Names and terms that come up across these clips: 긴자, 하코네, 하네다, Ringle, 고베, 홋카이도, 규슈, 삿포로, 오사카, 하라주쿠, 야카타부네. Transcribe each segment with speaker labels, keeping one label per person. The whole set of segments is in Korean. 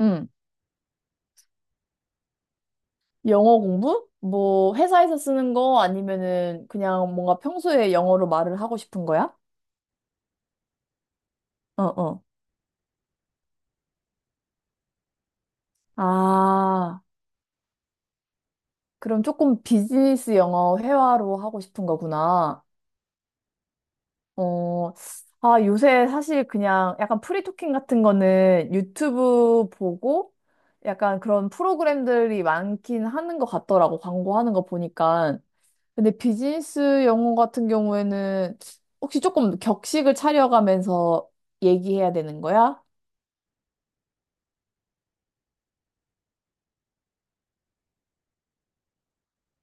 Speaker 1: 응. 영어 공부? 뭐 회사에서 쓰는 거 아니면은 그냥 뭔가 평소에 영어로 말을 하고 싶은 거야? 어, 어. 아, 그럼 조금 비즈니스 영어 회화로 하고 싶은 거구나. 어, 아, 요새 사실 그냥 약간 프리토킹 같은 거는 유튜브 보고 약간 그런 프로그램들이 많긴 하는 것 같더라고. 광고하는 거 보니까. 근데 비즈니스 영어 같은 경우에는 혹시 조금 격식을 차려가면서 얘기해야 되는 거야?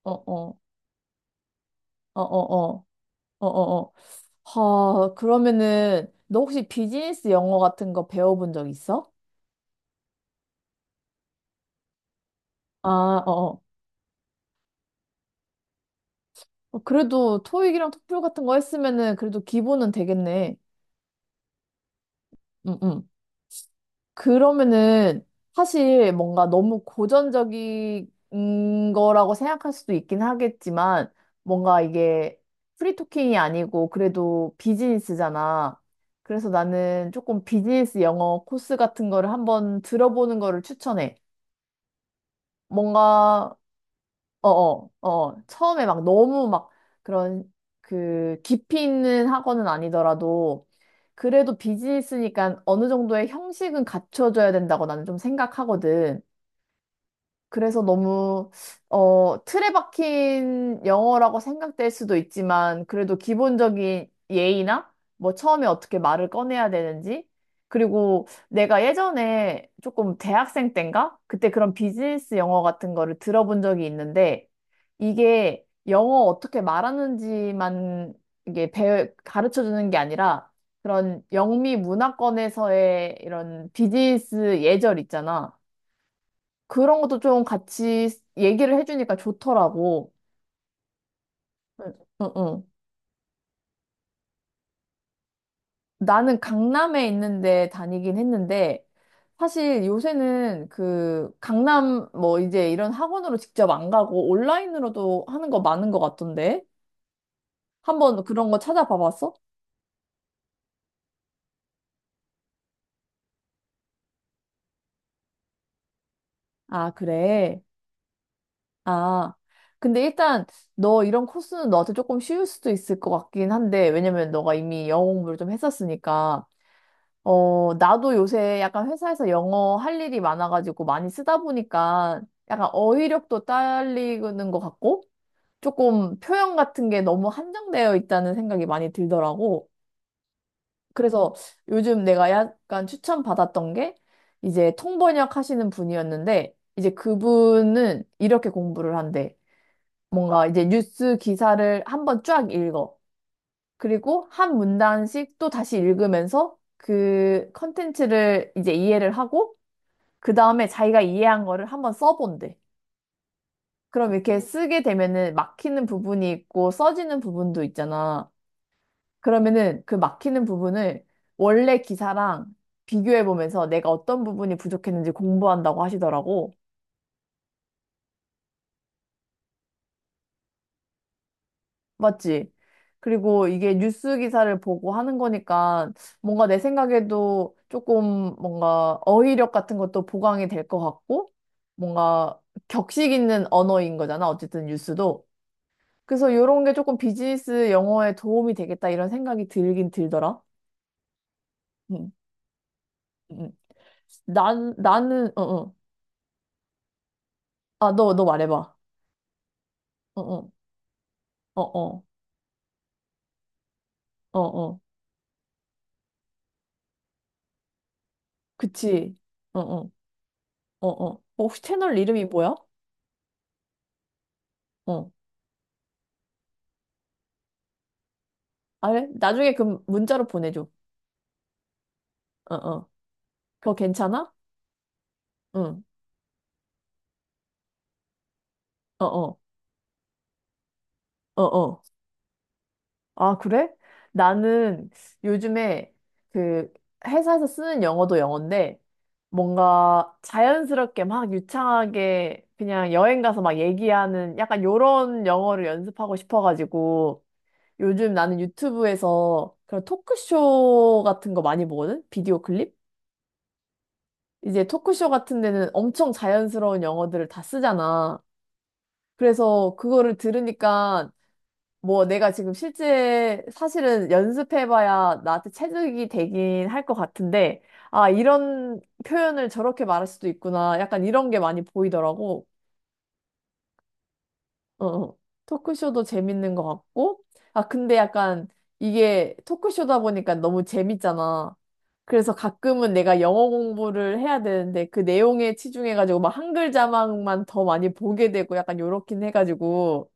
Speaker 1: 어, 어, 어, 어, 어, 어, 어, 어. 하, 그러면은 너 혹시 비즈니스 영어 같은 거 배워본 적 있어? 아, 어, 어. 그래도 토익이랑 토플 같은 거 했으면은 그래도 기본은 되겠네. 응, 응. 그러면은 사실 뭔가 너무 고전적인 거라고 생각할 수도 있긴 하겠지만 뭔가 이게 프리토킹이 아니고 그래도 비즈니스잖아. 그래서 나는 조금 비즈니스 영어 코스 같은 거를 한번 들어보는 거를 추천해. 뭔가 어어, 어. 어. 처음에 막 너무 막 그런 그 깊이 있는 학원은 아니더라도 그래도 비즈니스니까 어느 정도의 형식은 갖춰줘야 된다고 나는 좀 생각하거든. 그래서 너무, 어, 틀에 박힌 영어라고 생각될 수도 있지만, 그래도 기본적인 예의나, 뭐 처음에 어떻게 말을 꺼내야 되는지, 그리고 내가 예전에 조금 대학생 땐가? 그때 그런 비즈니스 영어 같은 거를 들어본 적이 있는데, 이게 영어 어떻게 말하는지만 이게 가르쳐 주는 게 아니라, 그런 영미 문화권에서의 이런 비즈니스 예절 있잖아. 그런 것도 좀 같이 얘기를 해주니까 좋더라고. 응, 응. 응. 나는 강남에 있는데 다니긴 했는데, 사실 요새는 그 강남 뭐 이제 이런 학원으로 직접 안 가고 온라인으로도 하는 거 많은 것 같던데? 한번 그런 거 찾아봐 봤어? 아, 그래. 아. 근데 일단 너 이런 코스는 너한테 조금 쉬울 수도 있을 것 같긴 한데, 왜냐면 너가 이미 영어 공부를 좀 했었으니까. 어, 나도 요새 약간 회사에서 영어 할 일이 많아가지고 많이 쓰다 보니까 약간 어휘력도 딸리는 것 같고 조금 표현 같은 게 너무 한정되어 있다는 생각이 많이 들더라고. 그래서 요즘 내가 약간 추천받았던 게 이제 통번역 하시는 분이었는데 이제 그분은 이렇게 공부를 한대. 뭔가 이제 뉴스 기사를 한번 쫙 읽어. 그리고 한 문단씩 또 다시 읽으면서 그 컨텐츠를 이제 이해를 하고 그 다음에 자기가 이해한 거를 한번 써본대. 그럼 이렇게 쓰게 되면은 막히는 부분이 있고 써지는 부분도 있잖아. 그러면은 그 막히는 부분을 원래 기사랑 비교해보면서 내가 어떤 부분이 부족했는지 공부한다고 하시더라고. 맞지? 그리고 이게 뉴스 기사를 보고 하는 거니까 뭔가 내 생각에도 조금 뭔가 어휘력 같은 것도 보강이 될 것 같고 뭔가 격식 있는 언어인 거잖아. 어쨌든 뉴스도. 그래서 이런 게 조금 비즈니스 영어에 도움이 되겠다 이런 생각이 들긴 들더라. 응, 응. 응. 나는, 어, 어. 아, 너 말해봐. 어, 어, 어, 어, 어, 어. 그치. 어, 어, 어, 어. 어, 혹시 채널 이름이 뭐야? 어. 아, 그래? 나중에 그 문자로 보내줘. 어, 어. 그거 괜찮아? 응. 어, 어. 어, 어. 아, 그래? 나는 요즘에 그 회사에서 쓰는 영어도 영어인데 뭔가 자연스럽게 막 유창하게 그냥 여행 가서 막 얘기하는 약간 요런 영어를 연습하고 싶어가지고 요즘 나는 유튜브에서 그런 토크쇼 같은 거 많이 보거든? 비디오 클립? 이제 토크쇼 같은 데는 엄청 자연스러운 영어들을 다 쓰잖아. 그래서 그거를 들으니까 뭐 내가 지금 실제 사실은 연습해봐야 나한테 체득이 되긴 할 것 같은데 아, 이런 표현을 저렇게 말할 수도 있구나, 약간 이런 게 많이 보이더라고. 어, 어. 토크쇼도 재밌는 것 같고 아, 근데 약간 이게 토크쇼다 보니까 너무 재밌잖아. 그래서 가끔은 내가 영어 공부를 해야 되는데 그 내용에 치중해가지고 막 한글 자막만 더 많이 보게 되고 약간 요렇긴 해가지고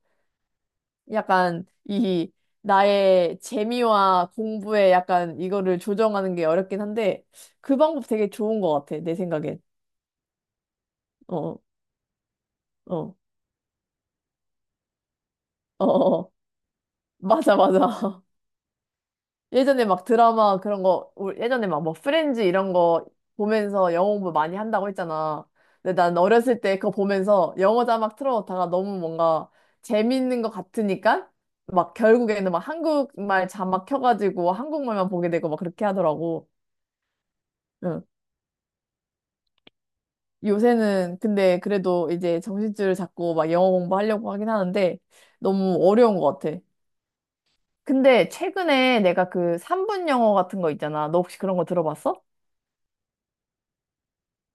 Speaker 1: 약간 이 나의 재미와 공부에 약간 이거를 조정하는 게 어렵긴 한데 그 방법 되게 좋은 것 같아 내 생각엔. 어어어, 어, 어, 어, 어. 맞아, 맞아. 예전에 막 드라마 그런 거 올 예전에 막 뭐 프렌즈 이런 거 보면서 영어 공부 많이 한다고 했잖아. 근데 난 어렸을 때 그거 보면서 영어 자막 틀어놓다가 너무 뭔가 재밌는 것 같으니까 막 결국에는 막 한국말 자막 켜가지고 한국말만 보게 되고 막 그렇게 하더라고. 응. 요새는 근데 그래도 이제 정신줄을 잡고 막 영어 공부하려고 하긴 하는데 너무 어려운 것 같아. 근데 최근에 내가 그 3분 영어 같은 거 있잖아. 너 혹시 그런 거 들어봤어?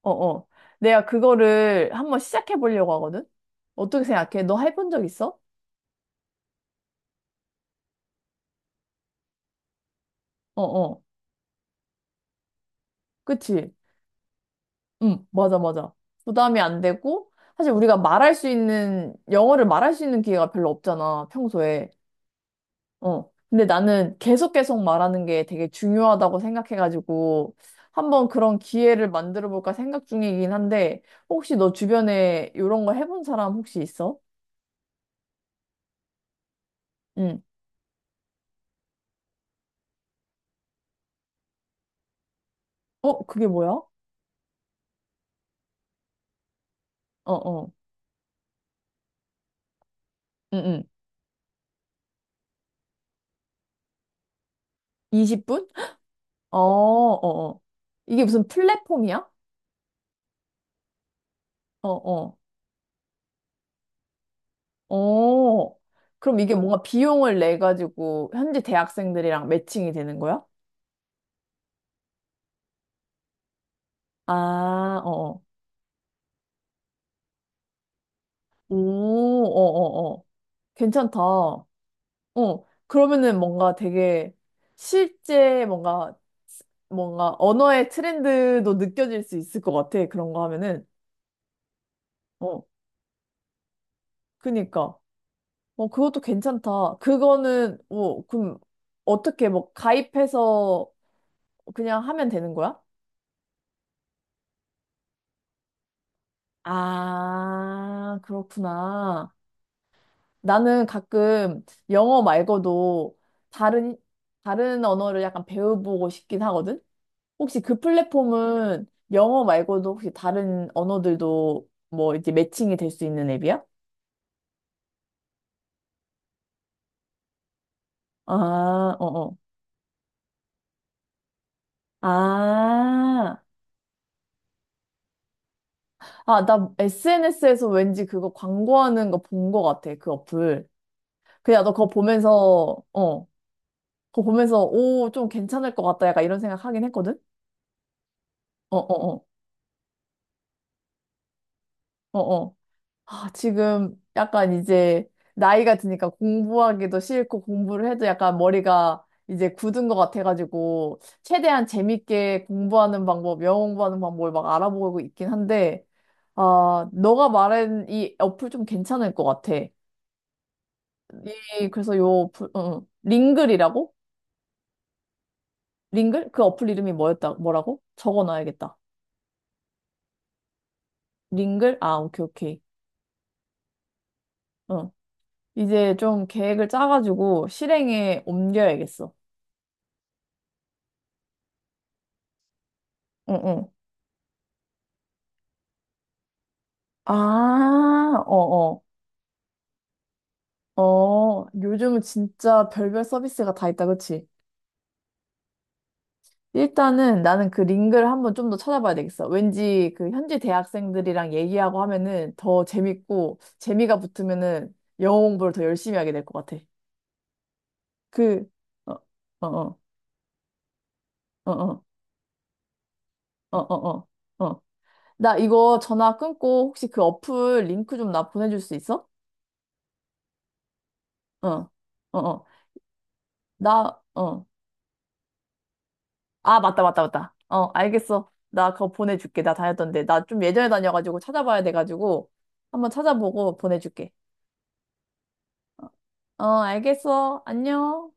Speaker 1: 어어. 내가 그거를 한번 시작해 보려고 하거든? 어떻게 생각해? 너 해본 적 있어? 어어. 그치? 응, 맞아, 맞아. 부담이 안 되고, 사실 우리가 말할 수 있는, 영어를 말할 수 있는 기회가 별로 없잖아, 평소에. 어. 근데 나는 계속 계속 말하는 게 되게 중요하다고 생각해가지고 한번 그런 기회를 만들어 볼까 생각 중이긴 한데 혹시 너 주변에 이런 거 해본 사람 혹시 있어? 응. 어, 그게 뭐야? 어, 어. 응, 응. 20분? 어, 어, 어. 이게 무슨 플랫폼이야? 어, 어. 어. 그럼 이게 뭔가 비용을 내 가지고 현지 대학생들이랑 매칭이 되는 거야? 아, 어. 어. 오, 어, 어, 어. 괜찮다. 어, 그러면은 뭔가 되게 실제 뭔가, 뭔가 언어의 트렌드도 느껴질 수 있을 것 같아. 그런 거 하면은. 어, 그니까. 어, 그것도 괜찮다. 그거는, 어, 그럼 어떻게 뭐 가입해서 그냥 하면 되는 거야? 아, 그렇구나. 나는 가끔 영어 말고도 다른, 다른 언어를 약간 배워보고 싶긴 하거든? 혹시 그 플랫폼은 영어 말고도 혹시 다른 언어들도 뭐 이제 매칭이 될 수 있는 앱이야? 아, 어어. 아, 아, 나 SNS에서 왠지 그거 광고하는 거 본 거 같아, 그 어플. 그냥 너 그거 보면서, 어, 그거 보면서, 오, 좀 괜찮을 것 같다, 약간 이런 생각 하긴 했거든? 어어어, 어어. 아, 지금 약간 이제 나이가 드니까 공부하기도 싫고 공부를 해도 약간 머리가 이제 굳은 것 같아가지고 최대한 재밌게 공부하는 방법, 영어 공부하는 방법을 막 알아보고 있긴 한데 아, 너가 말한 이 어플 좀 괜찮을 것 같아. 그래서 요 어플, 응, 응. 링글이라고? 링글? 그 어플 이름이 뭐였다, 뭐라고? 적어놔야겠다. 링글? 아, 오케이, 오케이. 응. 이제 좀 계획을 짜가지고 실행에 옮겨야겠어. 응, 응. 아, 어어. 어, 어, 요즘은 진짜 별별 서비스가 다 있다, 그치? 일단은 나는 그 링크를 한번 좀 더 찾아봐야 되겠어. 왠지 그 현지 대학생들이랑 얘기하고 하면은 더 재밌고, 재미가 붙으면은 영어 공부를 더 열심히 하게 될 것 같아. 그, 어, 어, 어, 어, 어, 어, 어, 어. 어. 나 이거 전화 끊고 혹시 그 어플 링크 좀 나 보내줄 수 있어? 어, 어, 어. 나, 어. 아, 맞다, 맞다, 맞다. 어, 알겠어. 나 그거 보내줄게. 나 다녔던데. 나 좀 예전에 다녀가지고 찾아봐야 돼가지고 한번 찾아보고 보내줄게. 어, 알겠어. 안녕.